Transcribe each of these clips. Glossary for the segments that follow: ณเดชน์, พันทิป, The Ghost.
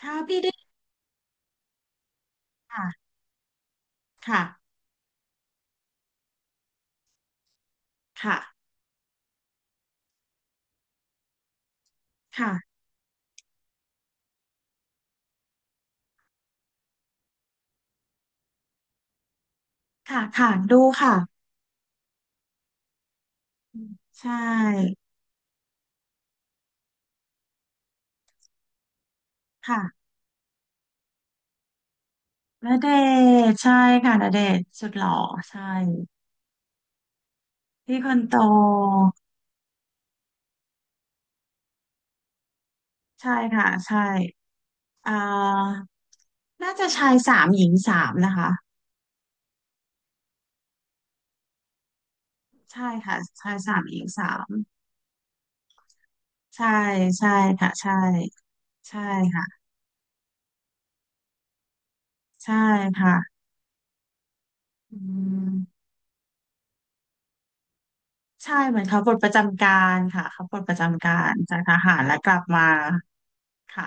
ค่ะพี่ได้ค่ะค่ะค่ะค่ะค่ะค่ะดูค่ะใช่ค่ะณเดชน์ใช่ค่ะณเดชน์สุดหล่อใช่พี่คนโตใช่ค่ะใช่อ่าน่าจะชายสามหญิงสามนะคะใช่ค่ะชายสามหญิงสามใช่ใช่ค่ะใช่ใช่ค่ะใช่ค่ะอืมใช่เหมือนเขาปลดประจำการค่ะเขาปลดประจำการจากทหารแล้วกลับมาค่ะ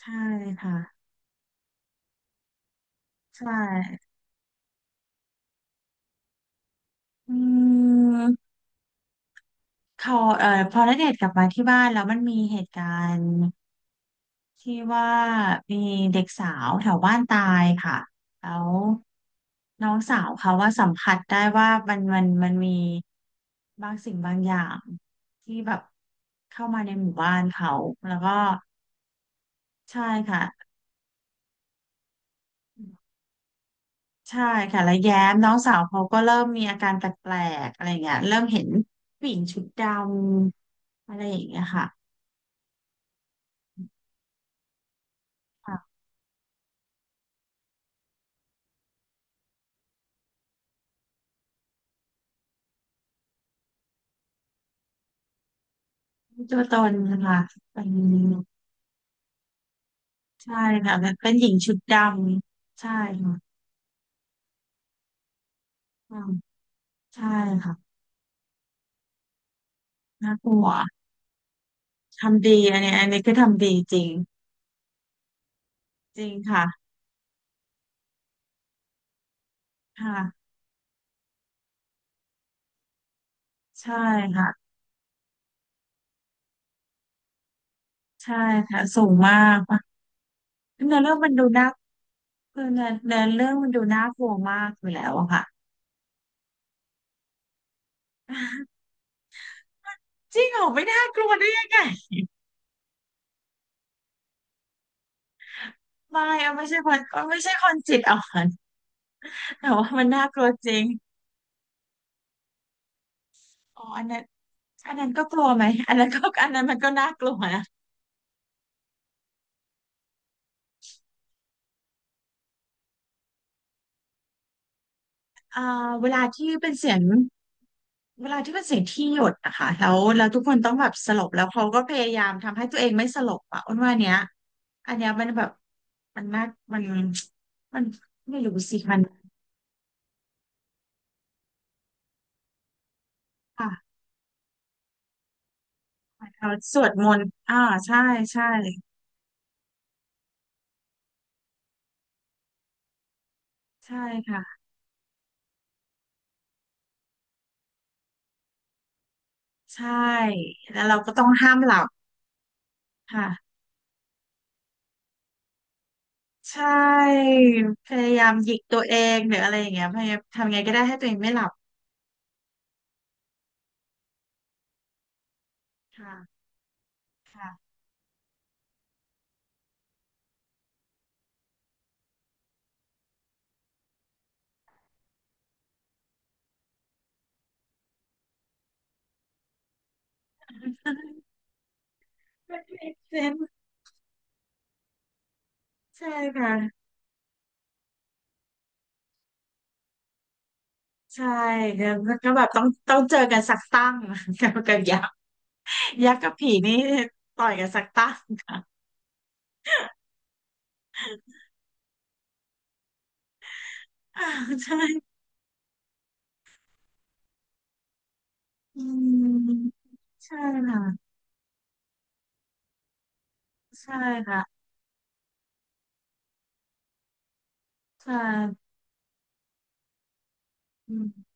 ใช่ค่ะใช่อืมเขาพอณเดชน์กลับมาที่บ้านแล้วมันมีเหตุการณ์ที่ว่ามีเด็กสาวแถวบ้านตายค่ะแล้วน้องสาวเขาว่าสัมผัสได้ว่ามันมันมันมีบางสิ่งบางอย่างที่แบบเข้ามาในหมู่บ้านเขาแล้วก็ใช่ค่ะ ใช่ค่ะแล้วแย้มน้องสาวเขาก็เริ่มมีอาการแปลกๆอะไรเงี้ยเริ่มเห็นผู้หญิงชุดดำอะไรอย่างเงี้ยค่ะค่ะไม่มีตัวตนนะคะเป็นใช่ค่ะเป็นเป็นหญิงชุดดำใช่ค่ะอืมใช่ค่ะน่ากลัวทำดีอันนี้อันนี้คือทำดีจริงจริงค่ะค่ะใช่ค่ะใช่ค่ะสูงมากค่ะเนื้อเรื่องมันดูน่าคือเนื้อเนื้อเรื่องมันดูน่ากลัวมากอยู่แล้วอะค่ะ จริงเหรอไม่น่ากลัวได้ยังไงไม่อะไม่ใช่คนก็ไม่ใช่คนจิตอ่อนแต่ว่ามันน่ากลัวจริงอ๋ออันนั้นอันนั้นก็กลัวไหมอันนั้นก็อันนั้นมันก็น่ากลัวนะอ่าเวลาที่เป็นเสียงเวลาที่เป็นเสียงที่หยดนะคะแล้วแล้วทุกคนต้องแบบสลบแล้วเขาก็พยายามทำให้ตัวเองไม่สลบอ่ะอ้วนว่าเนี้ยอันเนี้ยมันแบบมันน่ามันมันไม่รู้สิมันค่ะเราสวดมนต์อ่าใช่ใช่ใช่ค่ะใช่แล้วเราก็ต้องห้ามหลับ ค่ะใช่พยายามหยิกตัวเองหรืออะไรอย่างเงี้ยพยายามทำไงก็ได้ให้ตัวเองไม่หลับค่ะค่ะมันเป็นเซนใช่ค่ะใช่แล้วก็แบบต้องต้องเจอกันสักตั้งกับกับยักษ์ยักษ์กับผีนี่ต่อยกันสักตั้งค่ะใช่อืมใช่ค่ะใช่ค่ะใช่อืม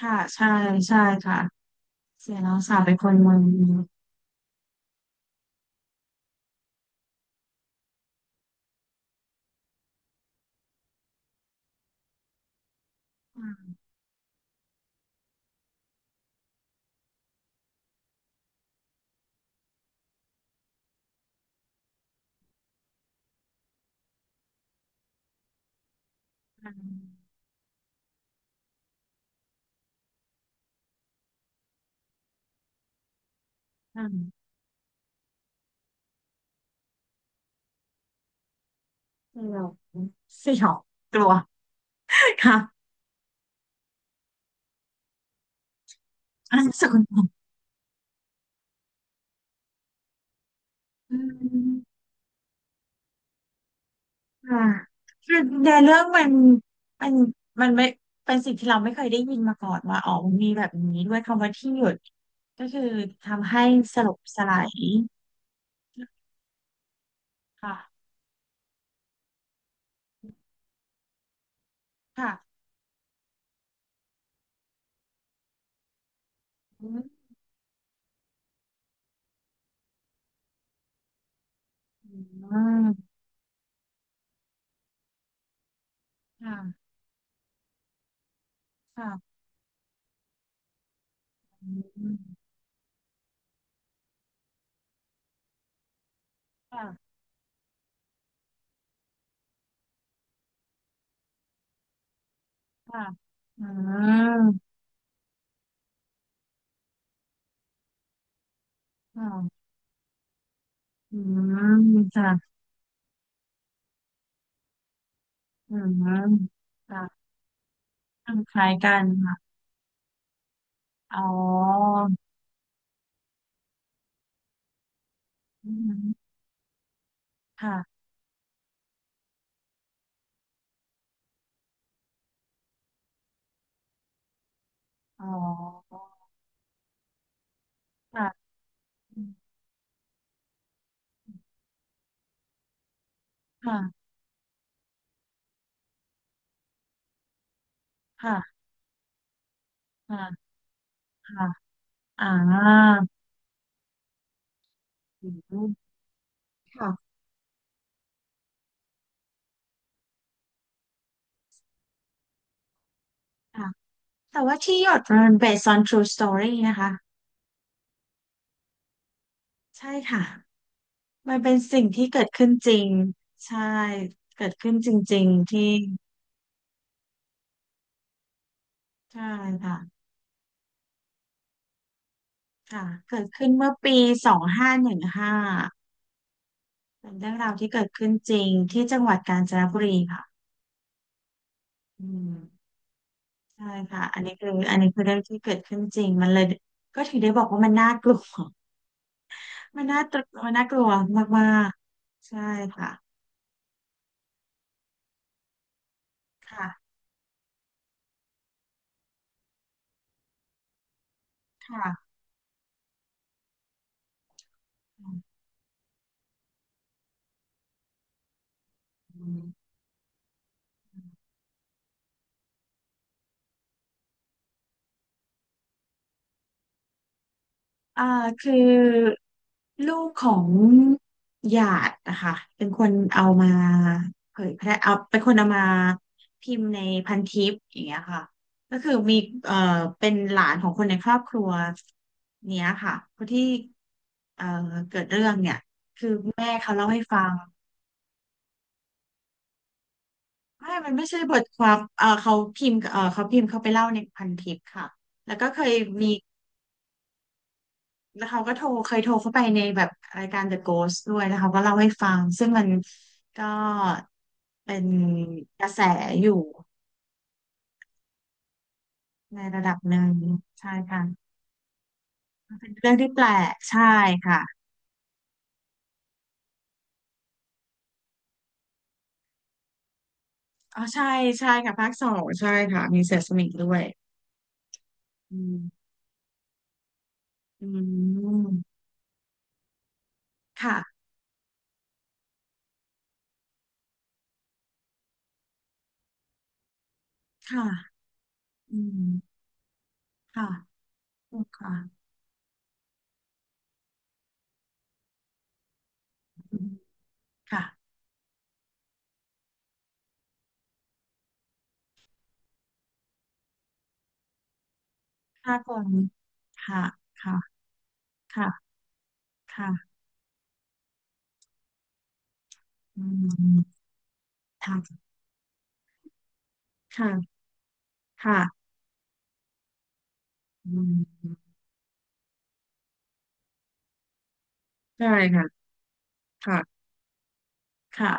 ค่ะใช่ใช่ค่ะเสียแล้วสาวเป็นคนมึนอืมอืมอืมสยองสยองกลัว ค่ะอันนั้นสกุลทองอืมค่ะคือในเรื่องมันมันมันไม่เป็นสิ่งที่เราไม่เคยได้ยินมาก่อนว่าอ๋อมันมีแบบนี้ด้วยคำว่าที่หยุดก็คือทำให้สลบสลายค่ะค่ะอืมอืมค่ะค่ะอืมค่ะค่ะอืมค่ะอืมค่ะอืมค่ะคล้ายๆกันค่ะอ๋ออืมค่ะ อ๋อค่ะค่ะค่ะค่ะค่ะอ่าอืมค่ะค่ะแต่ว่าที่หยดมัน based on true story นะคะใช่ค่ะมันเป็นสิ่งที่เกิดขึ้นจริงใช่เกิดขึ้นจริงๆที่ใช่ค่ะค่ะเกิดขึ้นเมื่อปี2515เป็นเรื่องราวที่เกิดขึ้นจริงที่จังหวัดกาญจนบุรีค่ะอืมใช่ค่ะ อันนี้คืออันนี้คือเรื่องที่เกิดขึ้นจริง มันเลยก็ถึงได้บอกว่ามันน่ากลัว มันน่าตรมันน่ากลัวมากๆใช่ค่ะค่ะค่ะอืมอ่าคือลูกของหยาดนะคะเป็นคนเอามาเผยแพร่เอาเป็นคนเอามาพิมพ์ในพันทิปอย่างเงี้ยค่ะก็คือมีเอ่อเป็นหลานของคนในครอบครัวเนี้ยค่ะคนที่เอ่อเกิดเรื่องเนี่ยคือแม่เขาเล่าให้ฟัง ไม่มันไม่ใช่บทความเออเขาพิมพ์เออเขาพิมพ์เขาไปเล่าในพันทิปค่ะแล้วก็เคยมีแล้วเขาก็โทรเคยโทรเข้าไปในแบบรายการ The Ghost ด้วยแล้วเขาก็เล่าให้ฟังซึ่งมันก็เป็นกระแสอยู่ในระดับหนึ่งใช่ค่ะมันเป็นเรื่องที่แปลกใช่ค่ะอ๋อใช่ใช่ค่ะภาคสองใช่ค่ะมีเสือสมิงด้วยอืมอืมค่ะค่ะอืมค่ะค่ะอืมค่ะ ค่ะก่อนค่ะค่ะค่ะค่ะอืมค่ะค่ะค่ะอืมใช่ค่ะค่ะค่ะ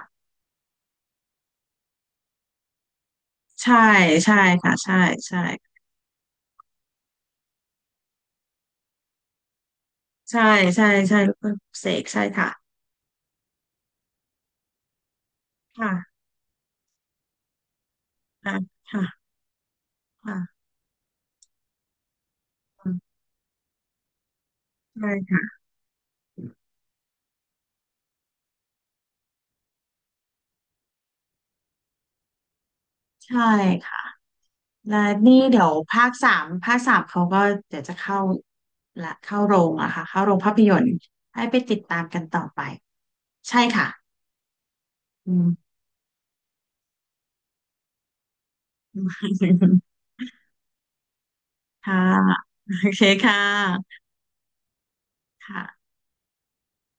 ใช่ใช่ค่ะใช่ใช่ใช่ใช่ใช่แล้วก็เสกใช่ค่ะค่ะค่ะค่ะค่ะอืมใช่ค่ะใช่ค่ะและนี่เดี๋ยวภาคสามภาคสามเขาก็เดี๋ยวจะเข้าละเข้าโรงอะค่ะเข้าโรงภาพยนตร์ให้ไปติดตามกันต่อไปใช่ค่ะอืม ค่ะโอเคค่ะค่ะ